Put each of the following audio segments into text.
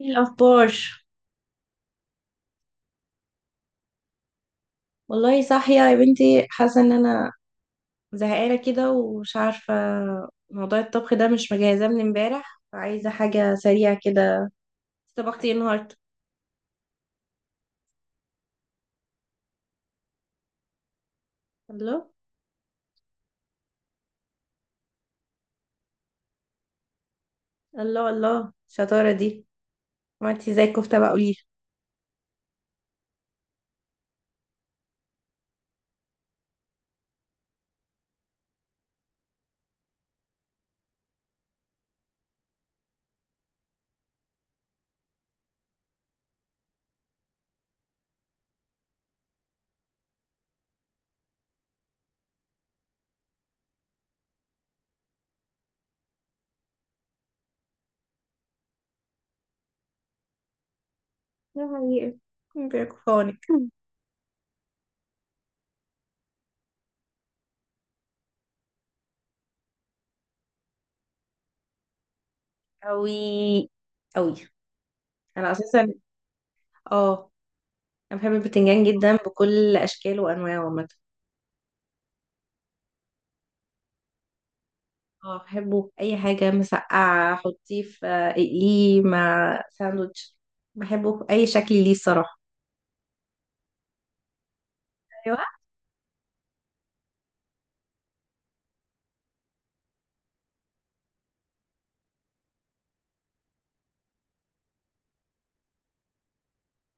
ايه الاخبار؟ والله صاحيه يا بنتي، حاسه ان انا زهقانه كده ومش عارفه. موضوع الطبخ ده مش مجهزاه من امبارح، فعايزه حاجه سريعه كده. طبختي ايه النهارده؟ الله الله الله، الشطاره دي! عملتي ازاي الكفته بقى؟ قولي لي. يا حقيقة بيركفونك. اوي اوي. انا اساسا، اه، انا بحب البتنجان جدا بكل اشكاله وانواعه عامه. اه بحبه اي حاجه، مسقعه، حطيه في اقليه مع ساندوتش. بحبه اي شكل ليه الصراحه. ايوه.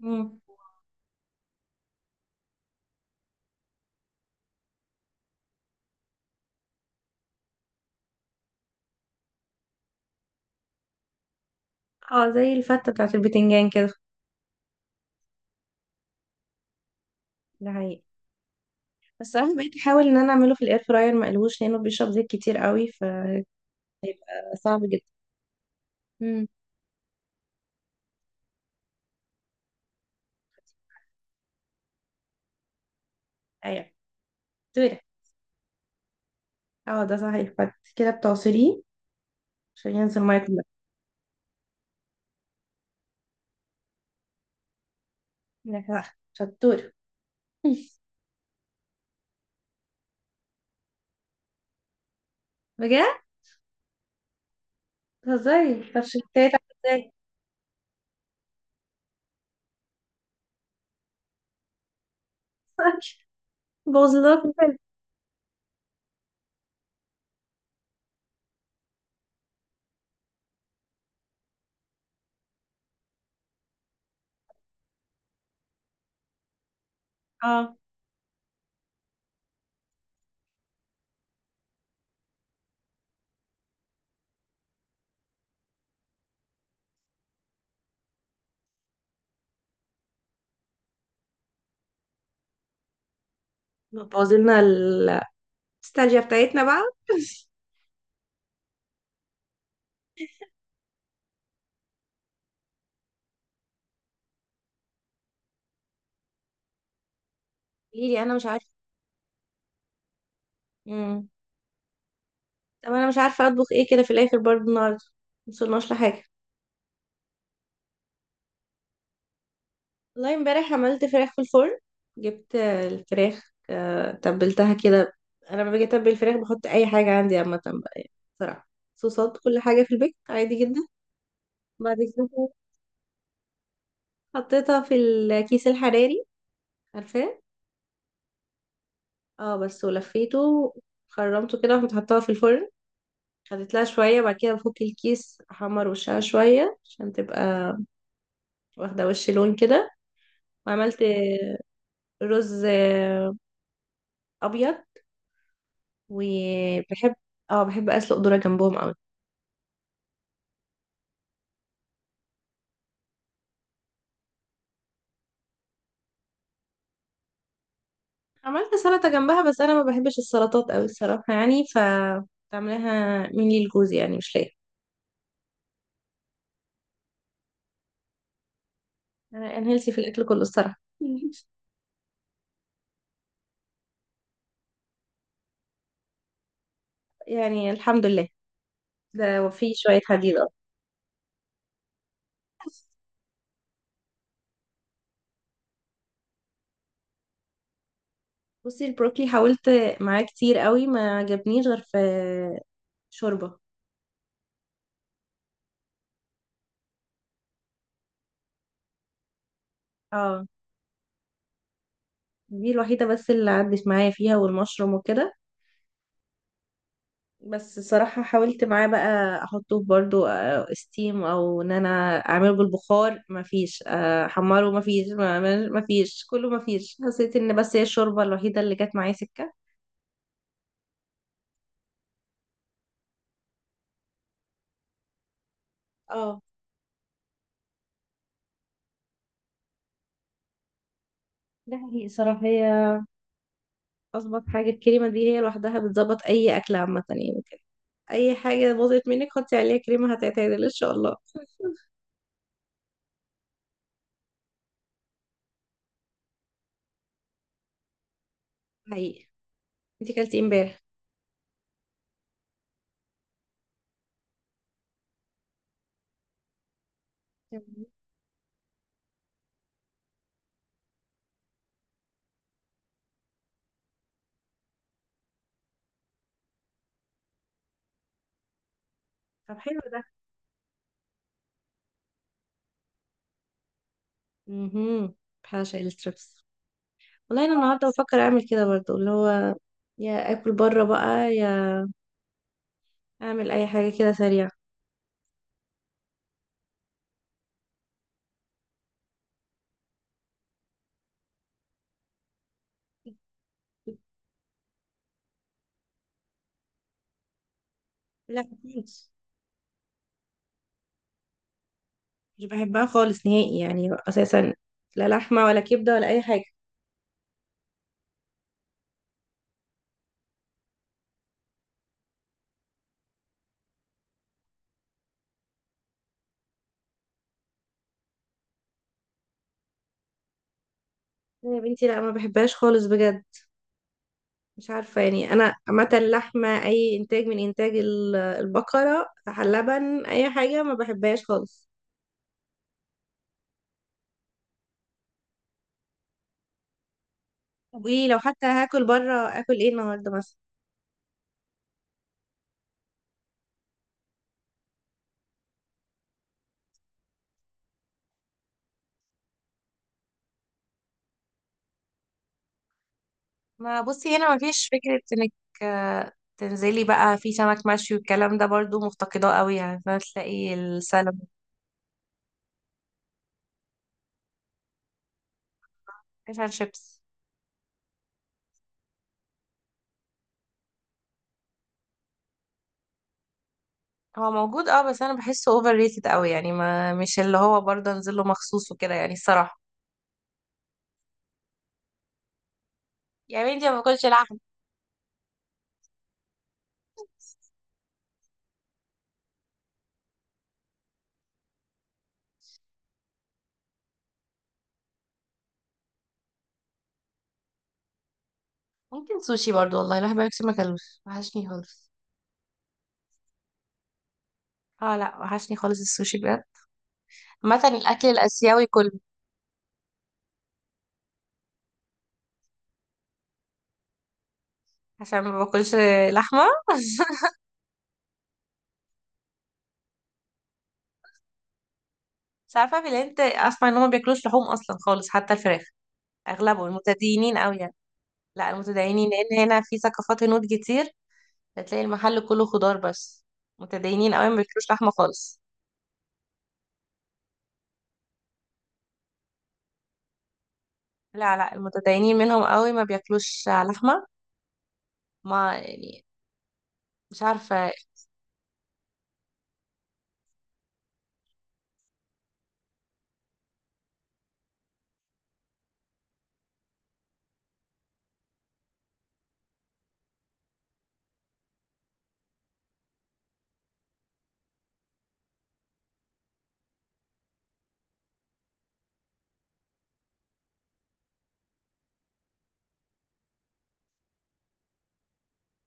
مم. اه زي الفته بتاعت البتنجان كده. ده حقيقي. بس انا بقيت احاول ان انا اعمله في الاير فراير مقلوش لانه بيشرب زيت كتير قوي. فصعب جدا. امم ايوه شطوره. اه ده صحيح، بعد كده بتعصريه عشان ينزل الميه كلها. لا، صح. شطوره. بجد؟ بتهزري؟ طب شطيت ازاي؟ بوظ لك الفيلم. اه. بوظ لنا النوستالجيا بتاعتنا بقى. قولي لي. انا مش عارفه. امم طب انا مش عارفه اطبخ ايه كده في الاخر برضه النهارده. مصلناش لحاجه. والله امبارح عملت فراخ في الفرن. جبت الفراخ تبلتها كده. انا لما باجي اتبل الفراخ بحط اي حاجه عندي عامه بقى يعني. بصراحه صوصات كل حاجه في البيت عادي جدا. بعد كده حطيتها في الكيس الحراري، عارفاه. اه بس ولفيته، خرمته كده وقمت حطاها في الفرن. خدت لها شويه، بعد كده بفك الكيس احمر وشها شويه عشان تبقى واخدة وش لون كده. وعملت رز أبيض. وبحب، اه، بحب أسلق ذرة جنبهم أوي. عملت سلطة جنبها، بس أنا ما بحبش السلطات أوي الصراحة يعني، ف بعملها مني لجوزي يعني مش ليا. أنا هيلثي في الأكل كله الصراحة. يعني الحمد لله، ده في شوية حديد. اه بصي البروكلي حاولت معاه كتير قوي، ما عجبنيش غير في شوربة. اه دي الوحيدة بس اللي عدت معايا فيها، والمشروم وكده. بس صراحة حاولت معاه بقى احطه في برضو ستيم او ان انا اعمله بالبخار مفيش، احمره مفيش، مفيش، كله مفيش. حسيت ان بس هي الشوربة الوحيدة اللي جت معايا سكة. اه ده حقيقي صراحة. هي اظبط حاجة الكريمة دي، هي لوحدها بتظبط اي اكل عامة يعني كده. اي حاجة باظت منك حطي عليها كريمة هتعتدل ان شاء الله. حقيقي. انتي كلتي امبارح؟ تمام. طب حلو ده. امم بحاشا الستريبس. والله انا النهارده بفكر اعمل كده برضو، اللي هو يا اكل بره بقى يا اعمل اي حاجه كده سريعه. لا خالص، مش بحبها خالص نهائي يعني اساسا، لا لحمه ولا كبده ولا اي حاجه. لا يا بنتي لا، ما بحبهاش خالص بجد. مش عارفه يعني، انا عامه اللحمه اي انتاج من انتاج البقره، لبن، اي حاجه ما بحبهاش خالص. طب ايه لو حتى هاكل بره، اكل ايه النهارده مثلا؟ ما بصي هنا مفيش فكرة انك تنزلي بقى في سمك مشوي والكلام ده، برضو مفتقداه قوي يعني فاهمة؟ تلاقي السلمون. فيش اند شيبس. هو موجود اه، بس انا بحسه اوفر ريتد قوي يعني، ما مش اللي هو برضه انزل له مخصوص وكده يعني الصراحة. يعني انتي ما باكلش لحم؟ ممكن سوشي برضو، والله الواحد بقاله كتير ما اكلوش، وحشني خالص. اه لا وحشني خالص السوشي بجد. مثلا الاكل الاسيوي كله. عشان ما باكلش لحمه. بس عارفه في الهند اسمع ان هم ما بياكلوش لحوم اصلا خالص حتى الفراخ. اغلبهم متدينين قوي يعني. لا المتدينين، لان هنا في ثقافات هنود كتير، هتلاقي المحل كله خضار بس، متدينين قوي ما بياكلوش لحمه خالص. لا لا، المتدينين منهم قوي ما بياكلوش لحمه. ما يعني، مش عارفه.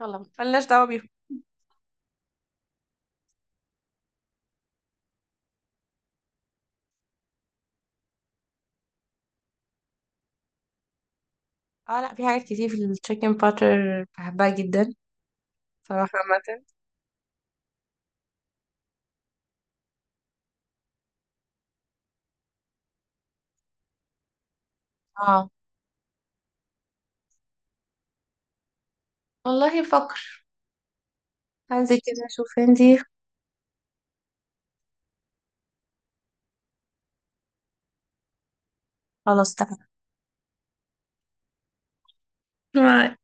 يلا ملناش دعوه بيهم. اه لا في حاجات كتير، في التشيكن باتر بحبها جدا صراحه عامه. اه والله بفكر. هنزل كده اشوف هندي. خلاص. تمام.